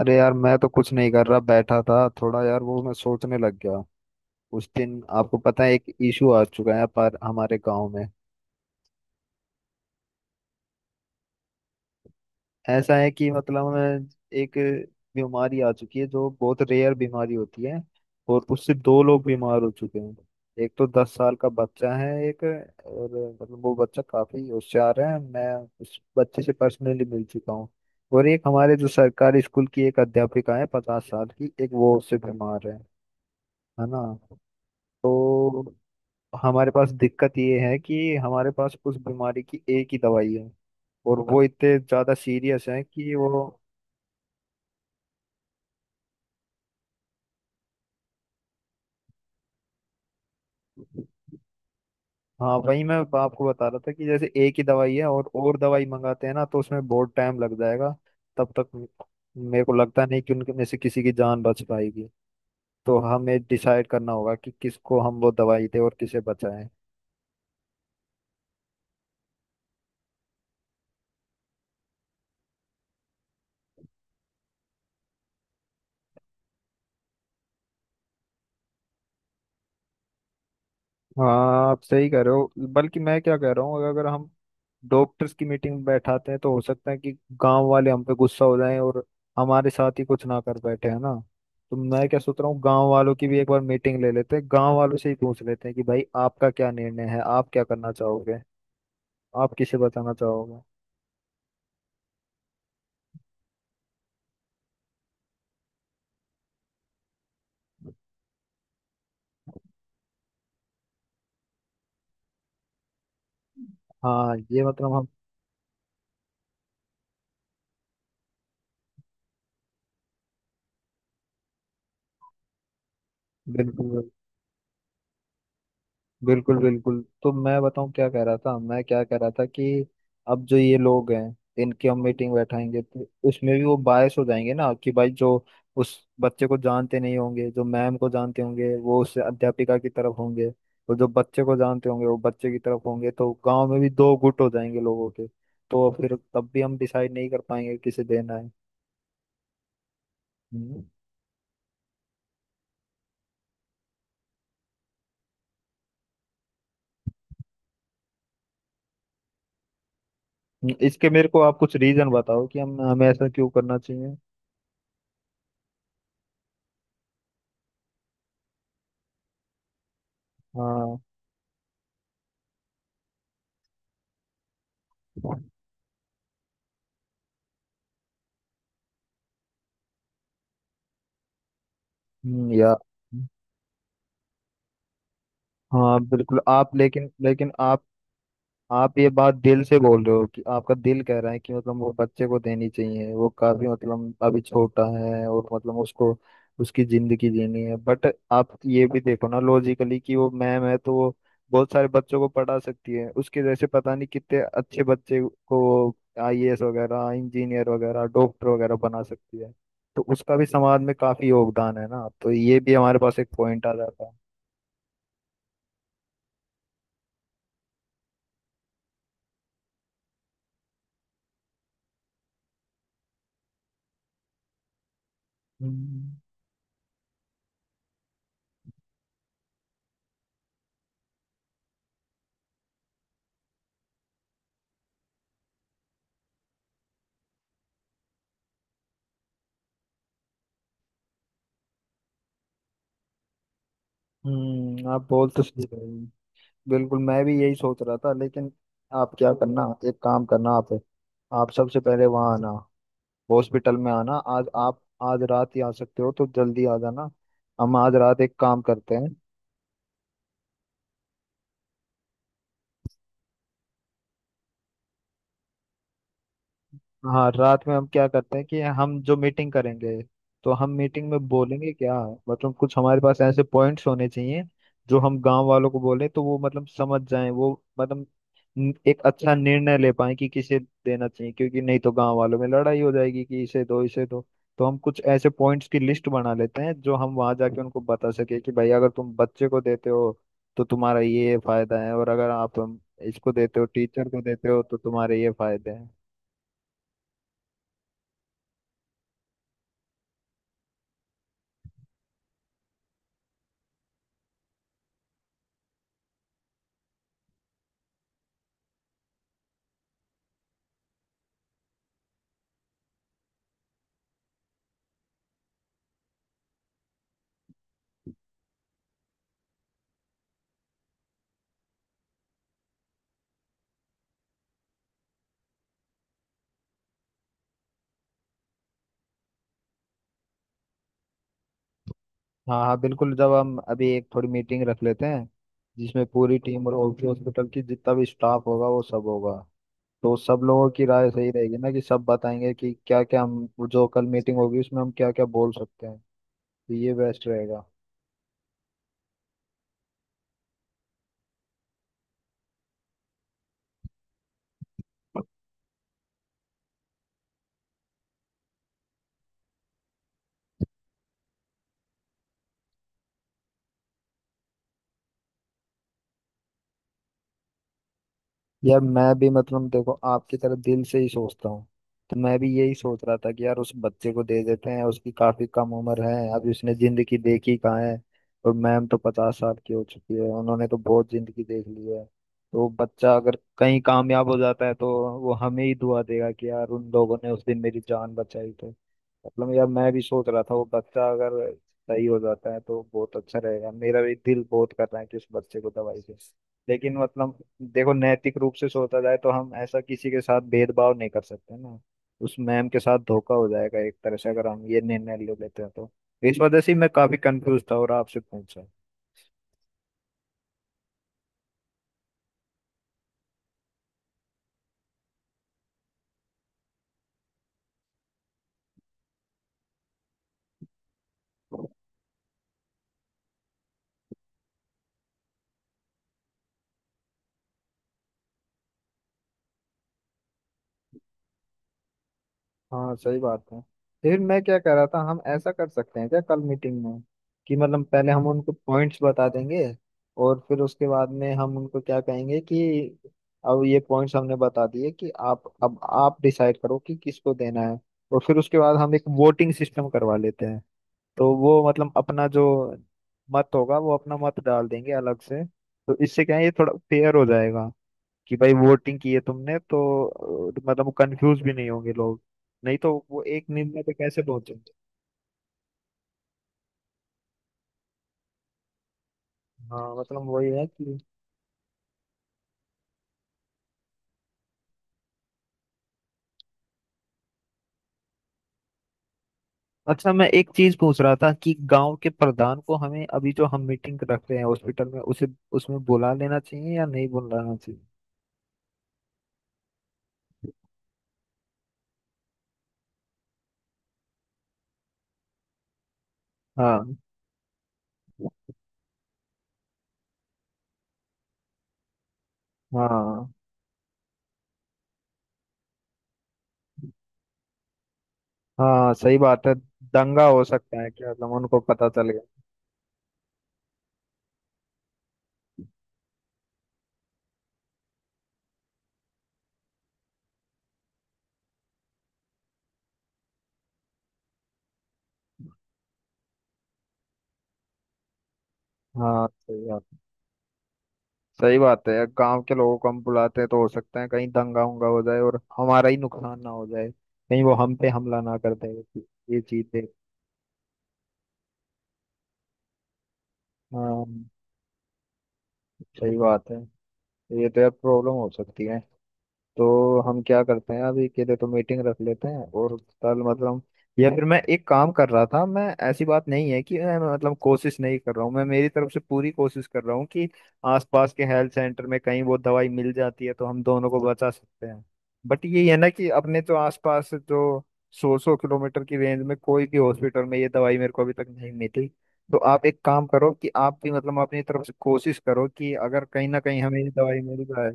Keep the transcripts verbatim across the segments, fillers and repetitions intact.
अरे यार, मैं तो कुछ नहीं कर रहा, बैठा था। थोड़ा यार वो मैं सोचने लग गया। उस दिन आपको पता है एक इशू आ चुका है पर हमारे गांव में। ऐसा है कि मतलब अ, एक बीमारी आ चुकी है जो बहुत रेयर बीमारी होती है। और उससे दो लोग बीमार हो चुके हैं। एक तो दस साल का बच्चा है, एक और। मतलब वो बच्चा काफी होशियार है, मैं उस बच्चे से पर्सनली मिल चुका हूँ। और एक हमारे जो सरकारी स्कूल की एक अध्यापिका है, पचास साल की, एक वो, उससे बीमार है है ना। तो हमारे पास दिक्कत ये है कि हमारे पास उस बीमारी की एक ही दवाई है और वो इतने ज्यादा सीरियस है कि वो। हाँ, वही मैं आपको बता रहा था कि जैसे एक ही दवाई है और और दवाई मंगाते हैं ना तो उसमें बहुत टाइम लग जाएगा। तब तक मेरे को लगता नहीं कि उनके में से किसी की जान बच पाएगी। तो हमें डिसाइड करना होगा कि किसको हम वो दवाई दें और किसे बचाएं। हाँ, आप सही कह रहे हो। बल्कि मैं क्या कह रहा हूँ, अगर हम डॉक्टर्स की मीटिंग बैठाते हैं तो हो सकता है कि गांव वाले हम पे गुस्सा हो जाएं और हमारे साथ ही कुछ ना कर बैठे, है ना। तो मैं क्या सोच रहा हूँ, गांव वालों की भी एक बार मीटिंग ले लेते हैं, गांव वालों से ही पूछ लेते हैं कि भाई आपका क्या निर्णय है, आप क्या करना चाहोगे, आप किसे बताना चाहोगे। हाँ ये मतलब हम। बिल्कुल बिल्कुल बिल्कुल, तो मैं बताऊं क्या कह रहा था मैं क्या कह रहा था कि अब जो ये लोग हैं, इनकी हम मीटिंग बैठाएंगे तो उसमें भी वो बायस हो जाएंगे ना कि भाई जो उस बच्चे को जानते नहीं होंगे, जो मैम को जानते होंगे वो उस अध्यापिका की तरफ होंगे, और जो बच्चे को जानते होंगे वो बच्चे की तरफ होंगे। तो गांव में भी दो गुट हो जाएंगे लोगों के, तो फिर तब भी हम डिसाइड नहीं कर पाएंगे किसे देना है। हम्म। इसके मेरे को आप कुछ रीजन बताओ कि हम हमें ऐसा क्यों करना चाहिए। हाँ। हम्म, या। हाँ बिल्कुल। आप लेकिन लेकिन आप आप ये बात दिल से बोल रहे हो कि आपका दिल कह रहा है कि मतलब वो बच्चे को देनी चाहिए, वो काफी मतलब अभी छोटा है और मतलब उसको उसकी जिंदगी जीनी है, बट आप ये भी देखो ना लॉजिकली कि वो मैम है तो वो बहुत सारे बच्चों को पढ़ा सकती है, उसके जैसे पता नहीं कितने अच्छे बच्चे को आईएएस वगैरह, इंजीनियर वगैरह, डॉक्टर वगैरह बना सकती है। तो उसका भी समाज में काफी योगदान है ना, तो ये भी हमारे पास एक पॉइंट आ जाता है। हम्म। हम्म, आप बोल तो सही रहे हो। बिल्कुल, मैं भी यही सोच रहा था, लेकिन आप क्या करना, एक काम करना आप आप सबसे पहले वहाँ आना, हॉस्पिटल में आना। आज आप आज रात ही आ सकते हो तो जल्दी आ जाना। हम आज रात एक काम करते हैं। हाँ, रात में हम क्या करते हैं कि हम जो मीटिंग करेंगे तो हम मीटिंग में बोलेंगे क्या। मतलब कुछ हमारे पास ऐसे पॉइंट्स होने चाहिए जो हम गांव वालों को बोलें तो वो मतलब समझ जाएं, वो मतलब न- एक अच्छा निर्णय ले पाए कि किसे देना चाहिए। क्योंकि नहीं तो गांव वालों में लड़ाई हो जाएगी कि इसे दो, इसे दो। तो हम कुछ ऐसे पॉइंट्स की लिस्ट बना लेते हैं जो हम वहां जाके उनको बता सके कि भाई अगर तुम बच्चे को देते हो तो तुम्हारा ये फायदा है, और अगर आप हम, इसको देते हो, टीचर को देते हो, तो तुम्हारे ये फायदे हैं। हाँ हाँ बिल्कुल, जब हम अभी एक थोड़ी मीटिंग रख लेते हैं जिसमें पूरी टीम और हॉस्पिटल की जितना भी स्टाफ होगा वो सब होगा, तो सब लोगों की राय सही रहेगी ना कि सब बताएंगे कि क्या क्या, हम जो कल मीटिंग होगी उसमें हम क्या क्या बोल सकते हैं। तो ये बेस्ट रहेगा। यार मैं भी मतलब देखो आपकी तरह दिल से ही सोचता हूँ। तो मैं भी यही सोच रहा था कि यार उस बच्चे को दे देते हैं, उसकी काफी कम उम्र है, अभी उसने जिंदगी देखी कहाँ है। और मैम तो पचास साल की हो चुकी है, उन्होंने तो बहुत जिंदगी देख ली है। तो बच्चा अगर कहीं कामयाब हो जाता है तो वो हमें ही दुआ देगा कि यार उन लोगों ने उस दिन मेरी जान बचाई। तो मतलब यार मैं भी सोच रहा था वो बच्चा अगर सही हो जाता है तो बहुत अच्छा रहेगा। मेरा भी दिल बहुत कर रहा है कि उस बच्चे को दवाई दे। लेकिन मतलब देखो नैतिक रूप से सोचा जाए तो हम ऐसा किसी के साथ भेदभाव नहीं कर सकते ना। उस मैम के साथ धोखा हो जाएगा एक तरह से, अगर हम ये निर्णय ले लेते हैं तो। इस वजह से मैं काफी कंफ्यूज था और आपसे पूछा। हाँ, सही बात है। लेकिन मैं क्या कह रहा था, हम ऐसा कर सकते हैं क्या कल मीटिंग में कि मतलब पहले हम उनको पॉइंट्स बता देंगे, और फिर उसके बाद में हम उनको क्या कहेंगे कि अब ये पॉइंट्स हमने बता दिए, कि आप, अब आप डिसाइड करो कि किसको देना है। और फिर उसके बाद हम एक वोटिंग सिस्टम करवा लेते हैं, तो वो मतलब अपना जो मत होगा वो अपना मत डाल देंगे अलग से। तो इससे क्या है, ये थोड़ा फेयर हो जाएगा कि भाई वोटिंग की है तुमने तो अ, मतलब कंफ्यूज भी नहीं होंगे लोग। नहीं तो वो एक निर्णय पे कैसे पहुंचे। हाँ मतलब वही है कि। अच्छा, मैं एक चीज पूछ रहा था कि गांव के प्रधान को, हमें अभी जो हम मीटिंग रख रहे हैं हॉस्पिटल में, उसे उसमें बुला लेना चाहिए या नहीं बुलाना चाहिए। हाँ। हाँ। हाँ सही बात है। दंगा हो सकता है क्या, मतलब उनको पता चल गया। हाँ सही बात, सही बात है, यार गांव के लोगों को हम बुलाते हैं तो हो सकता है कहीं दंगा उंगा हो जाए और हमारा ही नुकसान ना हो जाए, कहीं वो हम पे हमला ना कर दे। ये चीज है। हाँ सही बात है। ये तो यार प्रॉब्लम हो सकती है। तो हम क्या करते हैं, अभी के लिए तो मीटिंग रख लेते हैं और कल मतलब, या फिर मैं एक काम कर रहा था। मैं, ऐसी बात नहीं है कि मैं मतलब कोशिश नहीं कर रहा हूँ, मैं मेरी तरफ से पूरी कोशिश कर रहा हूँ कि आसपास के हेल्थ सेंटर में कहीं वो दवाई मिल जाती है तो हम दोनों को बचा सकते हैं। बट ये है ना कि अपने तो आसपास जो सौ सौ किलोमीटर की रेंज में कोई भी हॉस्पिटल में ये दवाई मेरे को अभी तक नहीं मिली। तो आप एक काम करो कि आप भी मतलब अपनी तरफ से कोशिश करो कि अगर कहीं ना कहीं हमें ये दवाई मिल जाए।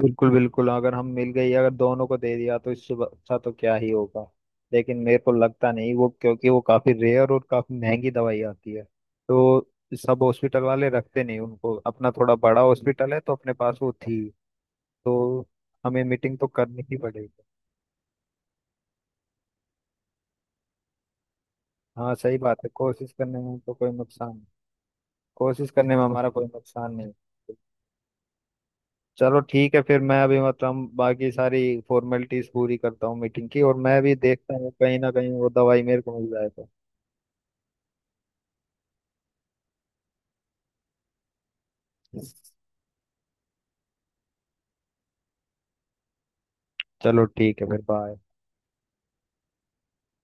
बिल्कुल बिल्कुल, अगर हम मिल गई अगर दोनों को दे दिया तो इससे ब- अच्छा तो क्या ही होगा। लेकिन मेरे को लगता नहीं वो, क्योंकि वो काफी रेयर और काफी महंगी दवाई आती है तो सब हॉस्पिटल वाले रखते नहीं उनको, अपना थोड़ा बड़ा हॉस्पिटल है तो अपने पास वो थी। तो हमें मीटिंग तो करनी ही पड़ेगी। हाँ सही बात है, कोशिश करने में तो कोई नुकसान, कोशिश करने में हमारा कोई नुकसान नहीं। चलो ठीक है, फिर मैं अभी मतलब बाकी सारी फॉर्मेलिटीज पूरी करता हूँ मीटिंग की, और मैं भी देखता हूँ कहीं ना कहीं वो दवाई मेरे को मिल जाए तो। चलो ठीक है, फिर बाय।